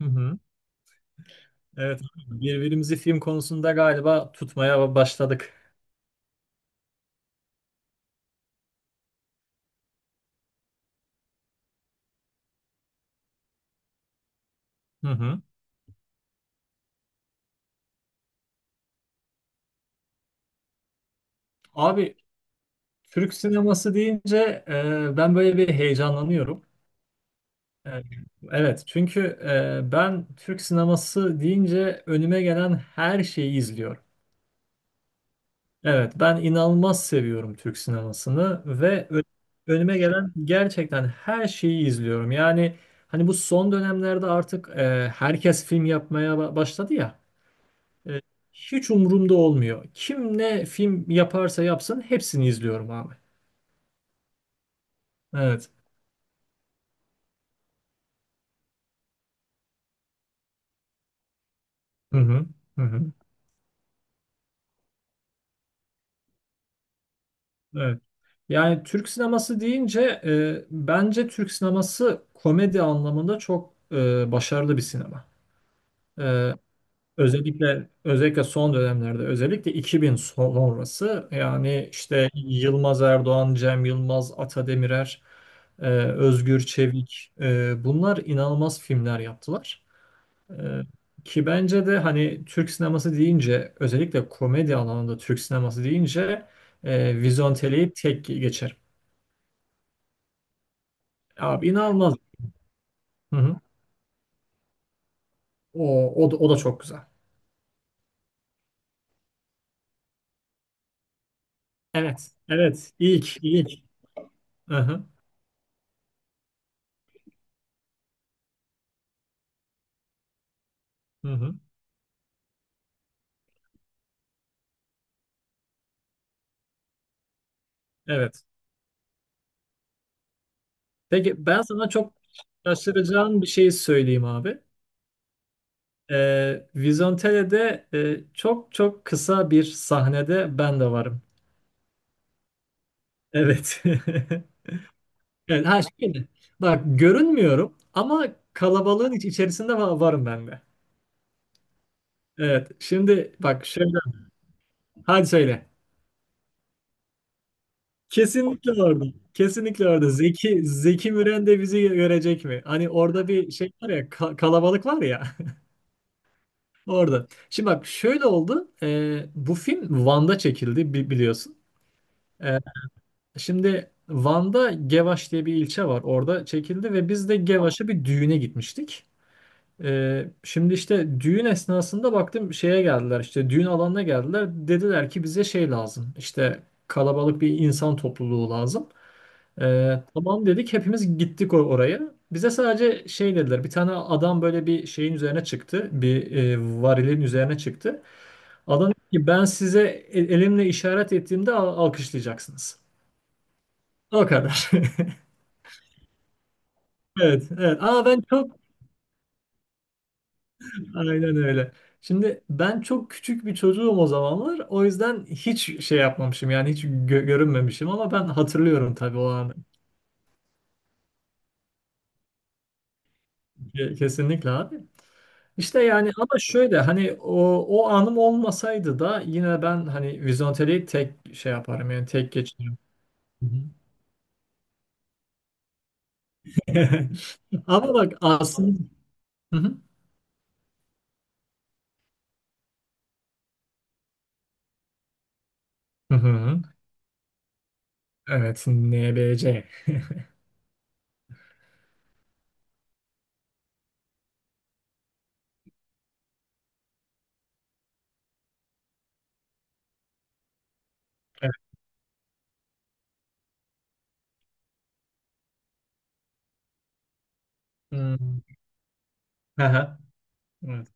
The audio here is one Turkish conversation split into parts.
Hı hı. Evet, birbirimizi film konusunda galiba tutmaya başladık. Hı hı. Abi Türk sineması deyince ben böyle bir heyecanlanıyorum. E, evet, çünkü ben Türk sineması deyince önüme gelen her şeyi izliyorum. Evet, ben inanılmaz seviyorum Türk sinemasını ve önüme gelen gerçekten her şeyi izliyorum. Yani hani bu son dönemlerde artık herkes film yapmaya başladı ya. E, hiç umurumda olmuyor. Kim ne film yaparsa yapsın hepsini izliyorum abi. Evet. Hı hı. Hı hı. Evet. Yani Türk sineması deyince bence Türk sineması komedi anlamında çok başarılı bir sinema. E, özellikle özellikle son dönemlerde özellikle 2000 sonrası yani işte Yılmaz Erdoğan, Cem Yılmaz, Ata Demirer, Özgür Çevik bunlar inanılmaz filmler yaptılar. Ee, Ki bence de hani Türk sineması deyince özellikle komedi alanında Türk sineması deyince Vizontele'yi tek geçerim. Abi inanılmaz. Hı hı. O da çok güzel. Evet. Evet. İlk. İlk. Hı hı. Hı hı. Evet. Peki ben sana çok şaşıracağın bir şey söyleyeyim abi. Vizontele'de çok çok kısa bir sahnede ben de varım. Evet. Evet, ha şöyle. Bak görünmüyorum ama kalabalığın içerisinde varım ben de. Evet. Şimdi bak şöyle. Hadi söyle. Kesinlikle orada. Kesinlikle orada. Zeki Müren de bizi görecek mi? Hani orada bir şey var ya kalabalık var ya orada. Şimdi bak şöyle oldu. Bu film Van'da çekildi biliyorsun. Ee, şimdi Van'da Gevaş diye bir ilçe var. Orada çekildi ve biz de Gevaş'a bir düğüne gitmiştik. Şimdi işte düğün esnasında baktım şeye geldiler işte düğün alanına geldiler dediler ki bize şey lazım işte kalabalık bir insan topluluğu lazım. Tamam dedik hepimiz gittik oraya. Bize sadece şey dediler bir tane adam böyle bir şeyin üzerine çıktı bir varilin üzerine çıktı. Adam dedi ki ben size elimle işaret ettiğimde alkışlayacaksınız. O kadar. Evet, evet. Aa, ben çok. Aynen öyle. Şimdi ben çok küçük bir çocuğum o zamanlar. O yüzden hiç şey yapmamışım yani hiç görünmemişim ama ben hatırlıyorum tabii o anı. Kesinlikle abi. İşte yani ama şöyle hani o anım olmasaydı da yine ben hani vizonteliği tek şey yaparım yani tek geçerim. Hı hı. Ama bak aslında. Hı hı. Hı hı. Evet, NBC. Evet. Hmm. Aha. Evet.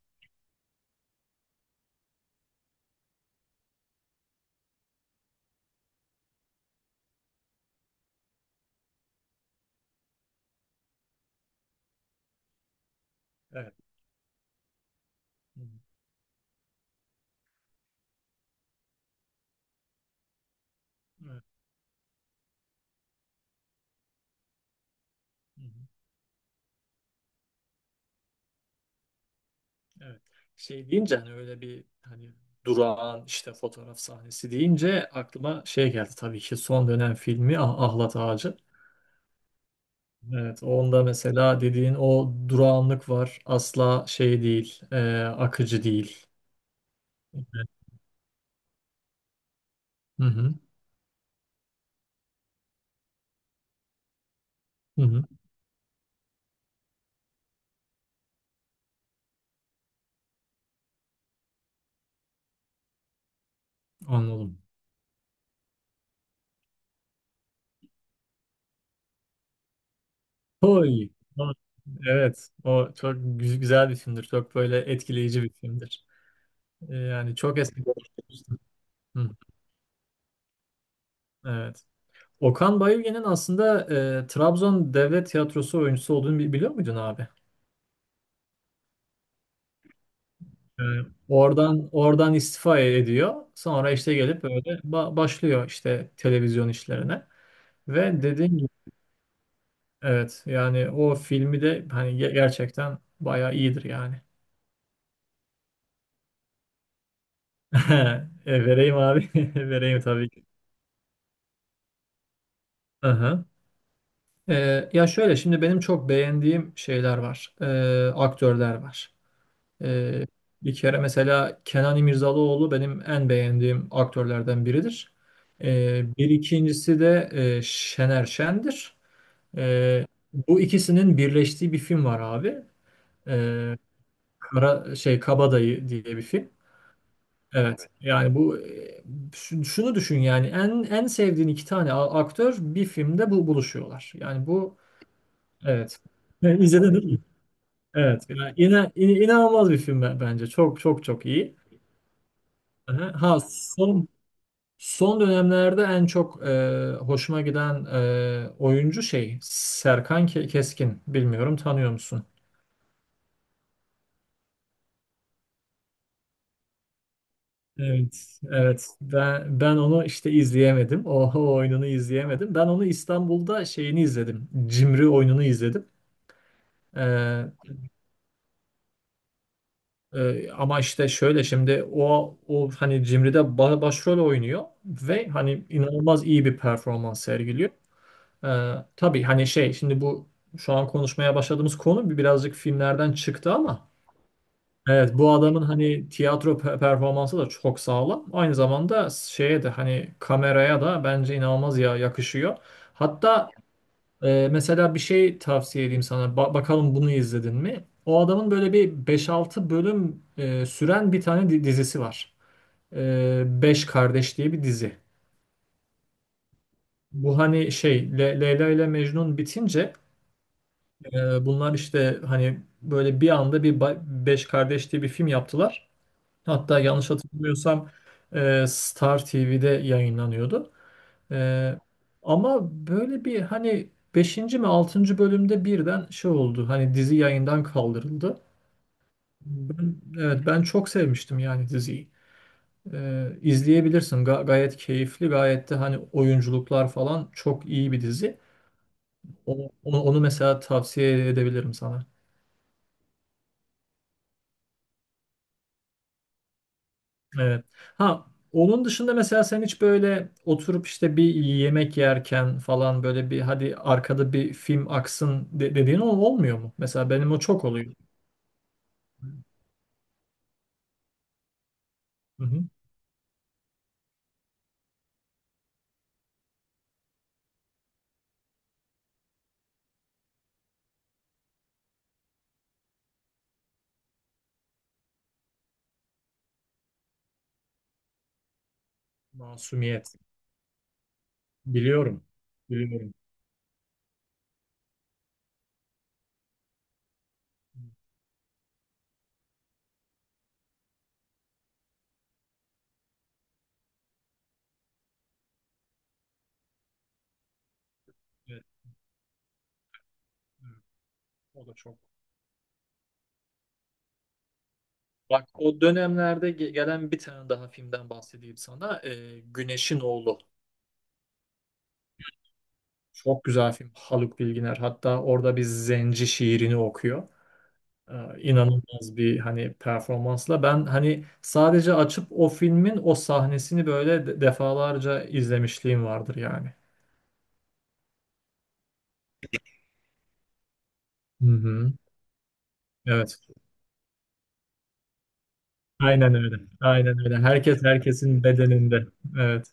Evet. Hı hı. Evet. Hı hı. Evet. Şey deyince hani öyle bir hani durağan işte fotoğraf sahnesi deyince aklıma şey geldi tabii ki son dönem filmi Ahlat Ağacı. Evet, onda mesela dediğin o durağanlık var. Asla şey değil, akıcı değil. Hı hı, hı hı, anladım. Oy. Evet, o çok güzel bir filmdir. Çok böyle etkileyici bir filmdir. Yani çok eski. Hı, evet. Okan Bayülgen'in aslında Trabzon Devlet Tiyatrosu oyuncusu olduğunu biliyor muydun abi? E, oradan istifa ediyor. Sonra işte gelip böyle başlıyor işte televizyon işlerine. Ve dediğim gibi evet yani o filmi de hani gerçekten bayağı iyidir yani. Vereyim abi. Vereyim tabii ki. Aha. Ya şöyle şimdi benim çok beğendiğim şeyler var. Aktörler var. Ee, bir kere mesela Kenan İmirzalıoğlu benim en beğendiğim aktörlerden biridir. Bir ikincisi de Şener Şen'dir. Ee, bu ikisinin birleştiği bir film var abi. Ee, Kara, şey Kabadayı diye bir film. Evet. Yani bu şunu düşün yani en sevdiğin iki tane aktör bir filmde buluşuyorlar. Yani bu evet. İzledin değil mi? Evet. Yani inanılmaz bir film bence. Çok çok çok iyi. Aha. Ha son dönemlerde en çok hoşuma giden oyuncu şey Serkan Keskin. Bilmiyorum tanıyor musun? Evet, evet. Ben onu işte izleyemedim. O oyununu izleyemedim. Ben onu İstanbul'da şeyini izledim. Cimri oyununu izledim. Ee, ama işte şöyle şimdi o hani Cimri'de başrol oynuyor ve hani inanılmaz iyi bir performans sergiliyor. Tabii hani şey şimdi bu şu an konuşmaya başladığımız konu birazcık filmlerden çıktı ama evet bu adamın hani tiyatro performansı da çok sağlam. Aynı zamanda şeye de hani kameraya da bence inanılmaz ya yakışıyor. Hatta mesela bir şey tavsiye edeyim sana. Bakalım bunu izledin mi? O adamın böyle bir 5-6 bölüm süren bir tane dizisi var. Beş Kardeş diye bir dizi. Bu hani şey Leyla ile Mecnun bitince bunlar işte hani böyle bir anda bir Beş Kardeş diye bir film yaptılar. Hatta yanlış hatırlamıyorsam Star TV'de yayınlanıyordu. E, ama böyle bir hani beşinci mi altıncı bölümde birden şey oldu. Hani dizi yayından kaldırıldı. Evet ben çok sevmiştim yani diziyi. E, izleyebilirsin. Gayet keyifli, gayet de hani oyunculuklar falan çok iyi bir dizi. Onu mesela tavsiye edebilirim sana. Evet. Ha onun dışında mesela sen hiç böyle oturup işte bir yemek yerken falan böyle bir hadi arkada bir film aksın dediğin olmuyor mu? Mesela benim o çok oluyor. Hı hı. Masumiyet. Biliyorum. Biliyorum. Evet, evet. O da çok. Bak o dönemlerde gelen bir tane daha filmden bahsedeyim sana. Güneşin Oğlu. Çok güzel film. Haluk Bilginer. Hatta orada bir zenci şiirini okuyor. İnanılmaz bir hani performansla ben hani sadece açıp o filmin o sahnesini böyle defalarca izlemişliğim vardır yani. Hı hı. Evet. Aynen öyle. Aynen öyle. Herkes herkesin bedeninde. Evet.